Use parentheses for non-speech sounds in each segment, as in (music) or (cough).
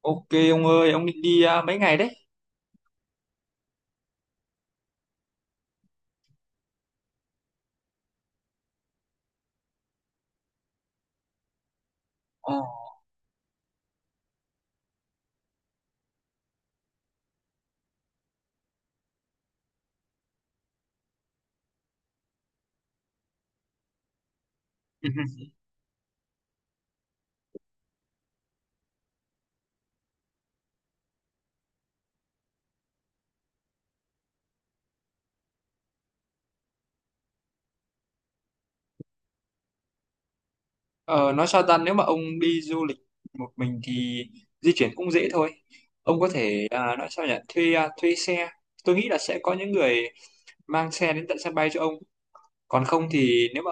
Ok ông ơi, ông định đi à, mấy ngày đấy? Ờ. (laughs) Ờ, nói sao ta, nếu mà ông đi du lịch một mình thì di chuyển cũng dễ thôi. Ông có thể à, nói sao nhỉ, thuê à, thuê xe. Tôi nghĩ là sẽ có những người mang xe đến tận sân bay cho ông. Còn không thì nếu mà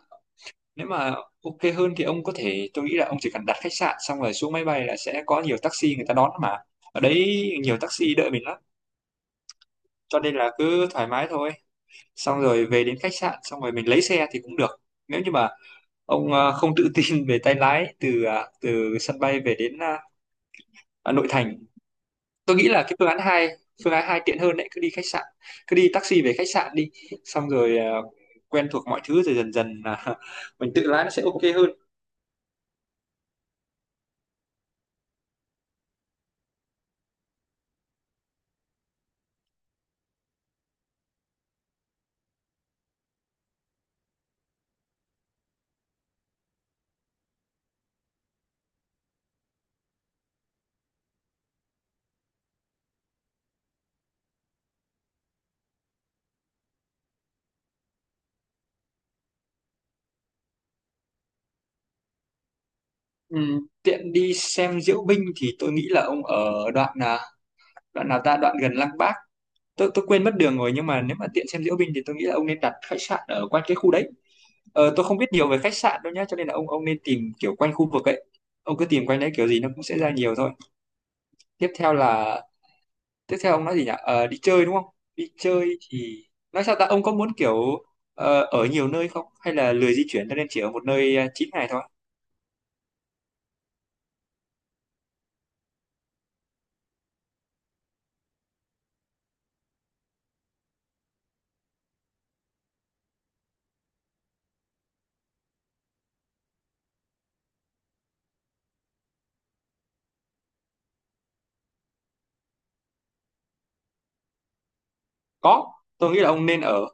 nếu mà ok hơn thì ông có thể, tôi nghĩ là ông chỉ cần đặt khách sạn xong rồi xuống máy bay là sẽ có nhiều taxi người ta đón mà. Ở đấy nhiều taxi đợi mình lắm, cho nên là cứ thoải mái thôi. Xong rồi về đến khách sạn xong rồi mình lấy xe thì cũng được. Nếu như mà ông không tự tin về tay lái từ sân bay về đến nội thành, tôi nghĩ là cái phương án hai tiện hơn đấy. Cứ đi taxi về khách sạn đi, xong rồi quen thuộc mọi thứ rồi dần dần là (laughs) mình tự lái nó sẽ ok hơn. Tiện đi xem diễu binh thì tôi nghĩ là ông ở đoạn nào ta, đoạn gần Lăng Bác. Tôi quên mất đường rồi, nhưng mà nếu mà tiện xem diễu binh thì tôi nghĩ là ông nên đặt khách sạn ở quanh cái khu đấy. Ờ, tôi không biết nhiều về khách sạn đâu nhá, cho nên là ông nên tìm kiểu quanh khu vực ấy. Ông cứ tìm quanh đấy, kiểu gì nó cũng sẽ ra nhiều thôi. Tiếp theo là tiếp theo ông nói gì nhỉ? Ờ, đi chơi đúng không? Đi chơi thì nói sao ta, ông có muốn kiểu ở nhiều nơi không, hay là lười di chuyển cho nên chỉ ở một nơi 9 ngày thôi? Có, tôi nghĩ là ông nên ở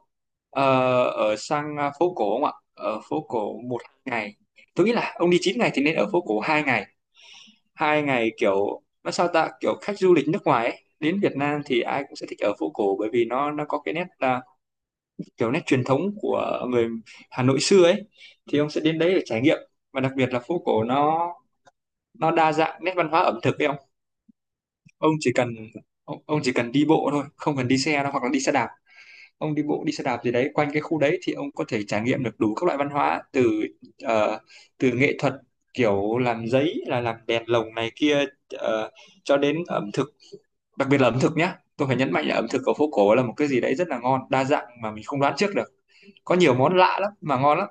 ờ, ở sang phố cổ không ạ? Ở phố cổ một ngày. Tôi nghĩ là ông đi 9 ngày thì nên ở phố cổ 2 ngày. 2 ngày kiểu nó sao ta, kiểu khách du lịch nước ngoài ấy, đến Việt Nam thì ai cũng sẽ thích ở phố cổ, bởi vì nó có cái nét, kiểu nét truyền thống của người Hà Nội xưa ấy. Thì ông sẽ đến đấy để trải nghiệm, và đặc biệt là phố cổ nó đa dạng nét văn hóa ẩm thực ấy ông. Ông chỉ cần ông, ông chỉ cần đi bộ thôi, không cần đi xe đâu, hoặc là đi xe đạp. Ông đi bộ đi xe đạp gì đấy quanh cái khu đấy, thì ông có thể trải nghiệm được đủ các loại văn hóa ờ, từ nghệ thuật, kiểu làm giấy là làm đèn lồng này kia, ờ, cho đến ẩm thực. Đặc biệt là ẩm thực nhé, tôi phải nhấn mạnh là ẩm thực ở phố cổ là một cái gì đấy rất là ngon, đa dạng mà mình không đoán trước được. Có nhiều món lạ lắm mà ngon lắm.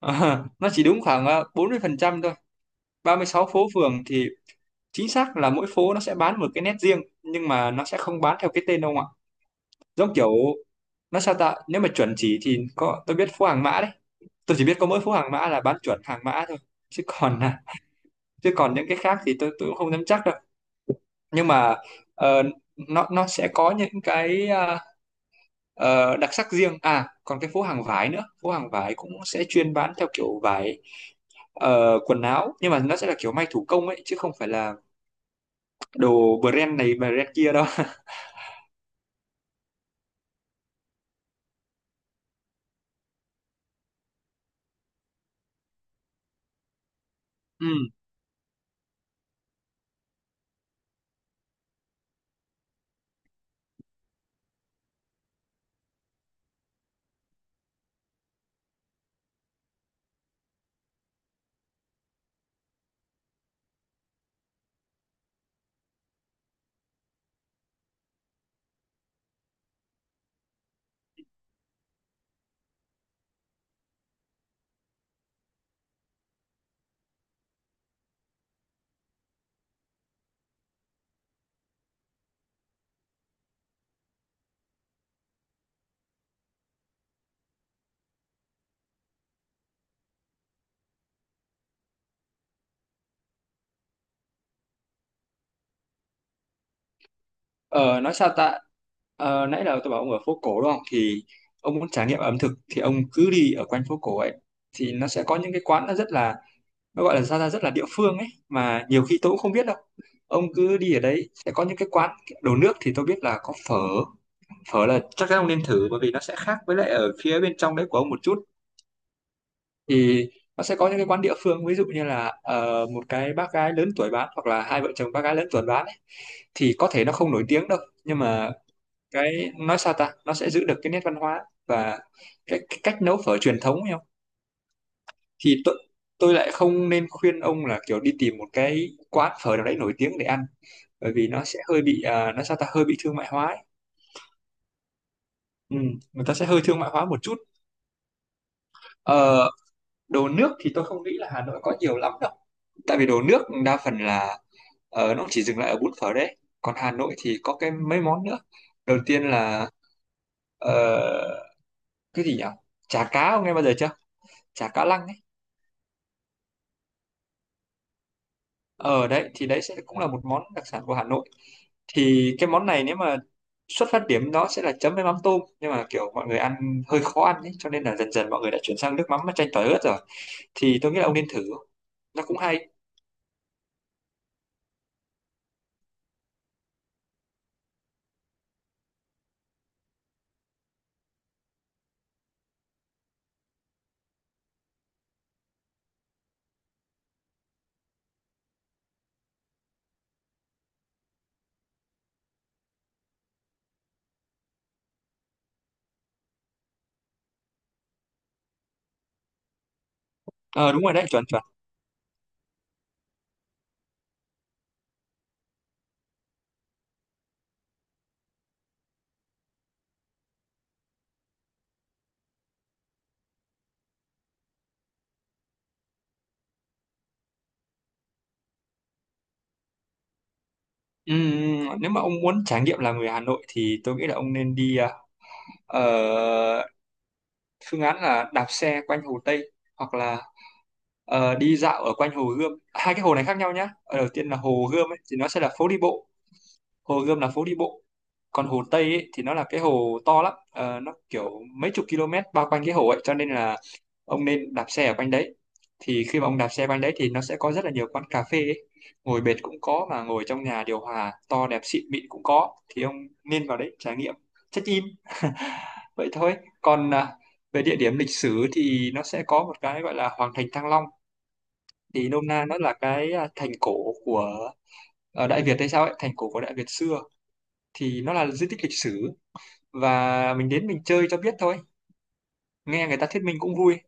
(laughs) Nó chỉ đúng khoảng 40% thôi. 36 phố phường thì chính xác là mỗi phố nó sẽ bán một cái nét riêng, nhưng mà nó sẽ không bán theo cái tên đâu ạ. Giống kiểu nó sao ta, nếu mà chuẩn chỉ thì có, tôi biết phố Hàng Mã đấy. Tôi chỉ biết có mỗi phố Hàng Mã là bán chuẩn Hàng Mã thôi. Chứ còn à, chứ còn những cái khác thì tôi cũng không nắm chắc đâu, nhưng mà ờ, nó sẽ có những cái đặc sắc riêng. À, còn cái phố hàng vải nữa, phố hàng vải cũng sẽ chuyên bán theo kiểu vải, quần áo, nhưng mà nó sẽ là kiểu may thủ công ấy, chứ không phải là đồ brand này brand kia đâu. (laughs) Ừ. ờ, nói sao ta. Ờ, nãy là tôi bảo ông ở phố cổ đúng không, thì ông muốn trải nghiệm ẩm thực thì ông cứ đi ở quanh phố cổ ấy. Thì nó sẽ có những cái quán, nó rất là, nó gọi là sao ra, rất là địa phương ấy, mà nhiều khi tôi cũng không biết đâu. Ông cứ đi ở đấy sẽ có những cái quán. Đồ nước thì tôi biết là có phở. Phở là chắc chắn ông nên thử, bởi vì nó sẽ khác với lại ở phía bên trong đấy của ông một chút. Thì nó sẽ có những cái quán địa phương, ví dụ như là một cái bác gái lớn tuổi bán, hoặc là hai vợ chồng bác gái lớn tuổi bán ấy. Thì có thể nó không nổi tiếng đâu, nhưng mà cái nói sao ta, nó sẽ giữ được cái nét văn hóa và cái cách nấu phở truyền thống ấy không. Thì tôi lại không nên khuyên ông là kiểu đi tìm một cái quán phở nào đấy nổi tiếng để ăn, bởi vì nó sẽ hơi bị, nó sao ta, hơi bị thương mại hóa ấy. Ừ, người ta sẽ hơi thương mại hóa một chút. Ờ, đồ nước thì tôi không nghĩ là Hà Nội có nhiều lắm đâu, tại vì đồ nước đa phần là nó chỉ dừng lại ở bún phở đấy. Còn Hà Nội thì có cái mấy món nữa. Đầu tiên là ờ, cái gì nhỉ, chả cá ông nghe bao giờ chưa? Chả cá lăng ấy. Ở đấy thì đấy sẽ cũng là một món đặc sản của Hà Nội. Thì cái món này, nếu mà xuất phát điểm nó sẽ là chấm với mắm tôm, nhưng mà kiểu mọi người ăn hơi khó ăn ấy, cho nên là dần dần mọi người đã chuyển sang nước mắm chanh tỏi ớt rồi. Thì tôi nghĩ là ông nên thử, nó cũng hay. Ờ, đúng rồi đấy, chuẩn chuẩn. Nếu mà ông muốn trải nghiệm là người Hà Nội thì tôi nghĩ là ông nên đi, ờ, phương án là đạp xe quanh Hồ Tây, hoặc là đi dạo ở quanh Hồ Gươm. Hai cái hồ này khác nhau nhá. Ở đầu tiên là Hồ Gươm ấy, thì nó sẽ là phố đi bộ. Hồ Gươm là phố đi bộ. Còn hồ Tây ấy, thì nó là cái hồ to lắm. Ờ, nó kiểu mấy chục km bao quanh cái hồ ấy, cho nên là ông nên đạp xe ở quanh đấy. Thì khi mà ông đạp xe quanh đấy thì nó sẽ có rất là nhiều quán cà phê ấy. Ngồi bệt cũng có, mà ngồi trong nhà điều hòa to đẹp xịn mịn cũng có, thì ông nên vào đấy trải nghiệm, check in. (laughs) Vậy thôi. Còn về địa điểm lịch sử thì nó sẽ có một cái gọi là Hoàng thành Thăng Long. Thì nôm na nó là cái, thành cổ của, ở Đại Việt hay sao ấy, thành cổ của Đại Việt xưa. Thì nó là di tích lịch sử, và mình đến mình chơi cho biết thôi. Nghe người ta thuyết minh cũng vui.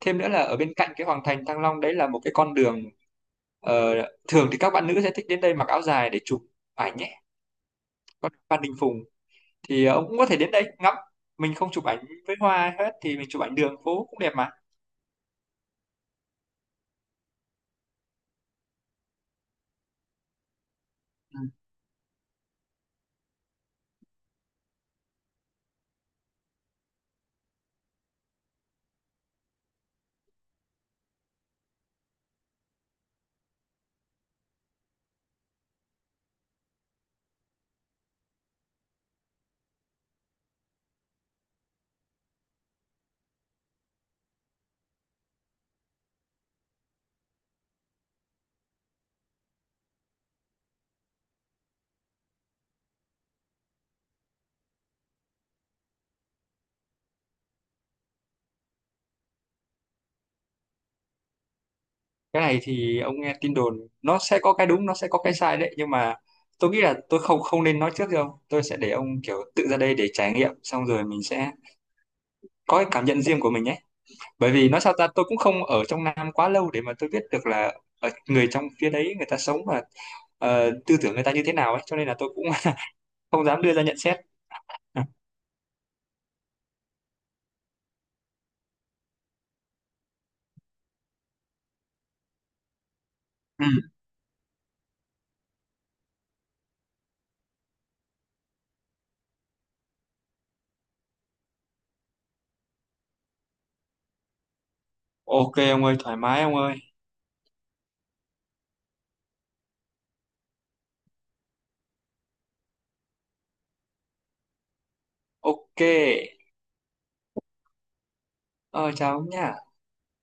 Thêm nữa là ở bên cạnh cái Hoàng thành Thăng Long đấy là một cái con đường, ờ, thường thì các bạn nữ sẽ thích đến đây mặc áo dài để chụp ảnh nhé. Con đường Phan Đình Phùng, thì ông cũng có thể đến đây ngắm. Mình không chụp ảnh với hoa hết thì mình chụp ảnh đường phố cũng đẹp mà. Ừ. Cái này thì ông nghe tin đồn, nó sẽ có cái đúng, nó sẽ có cái sai đấy, nhưng mà tôi nghĩ là tôi không không nên nói trước đâu. Tôi sẽ để ông kiểu tự ra đây để trải nghiệm, xong rồi mình sẽ có cái cảm nhận riêng của mình nhé. Bởi vì nói sao ta, tôi cũng không ở trong Nam quá lâu để mà tôi biết được là ở người trong phía đấy, người ta sống và tư tưởng người ta như thế nào ấy, cho nên là tôi cũng (laughs) không dám đưa ra nhận xét. Ừ. Ok ông ơi, thoải mái ông ơi. Ok. Ờ, chào ông nha.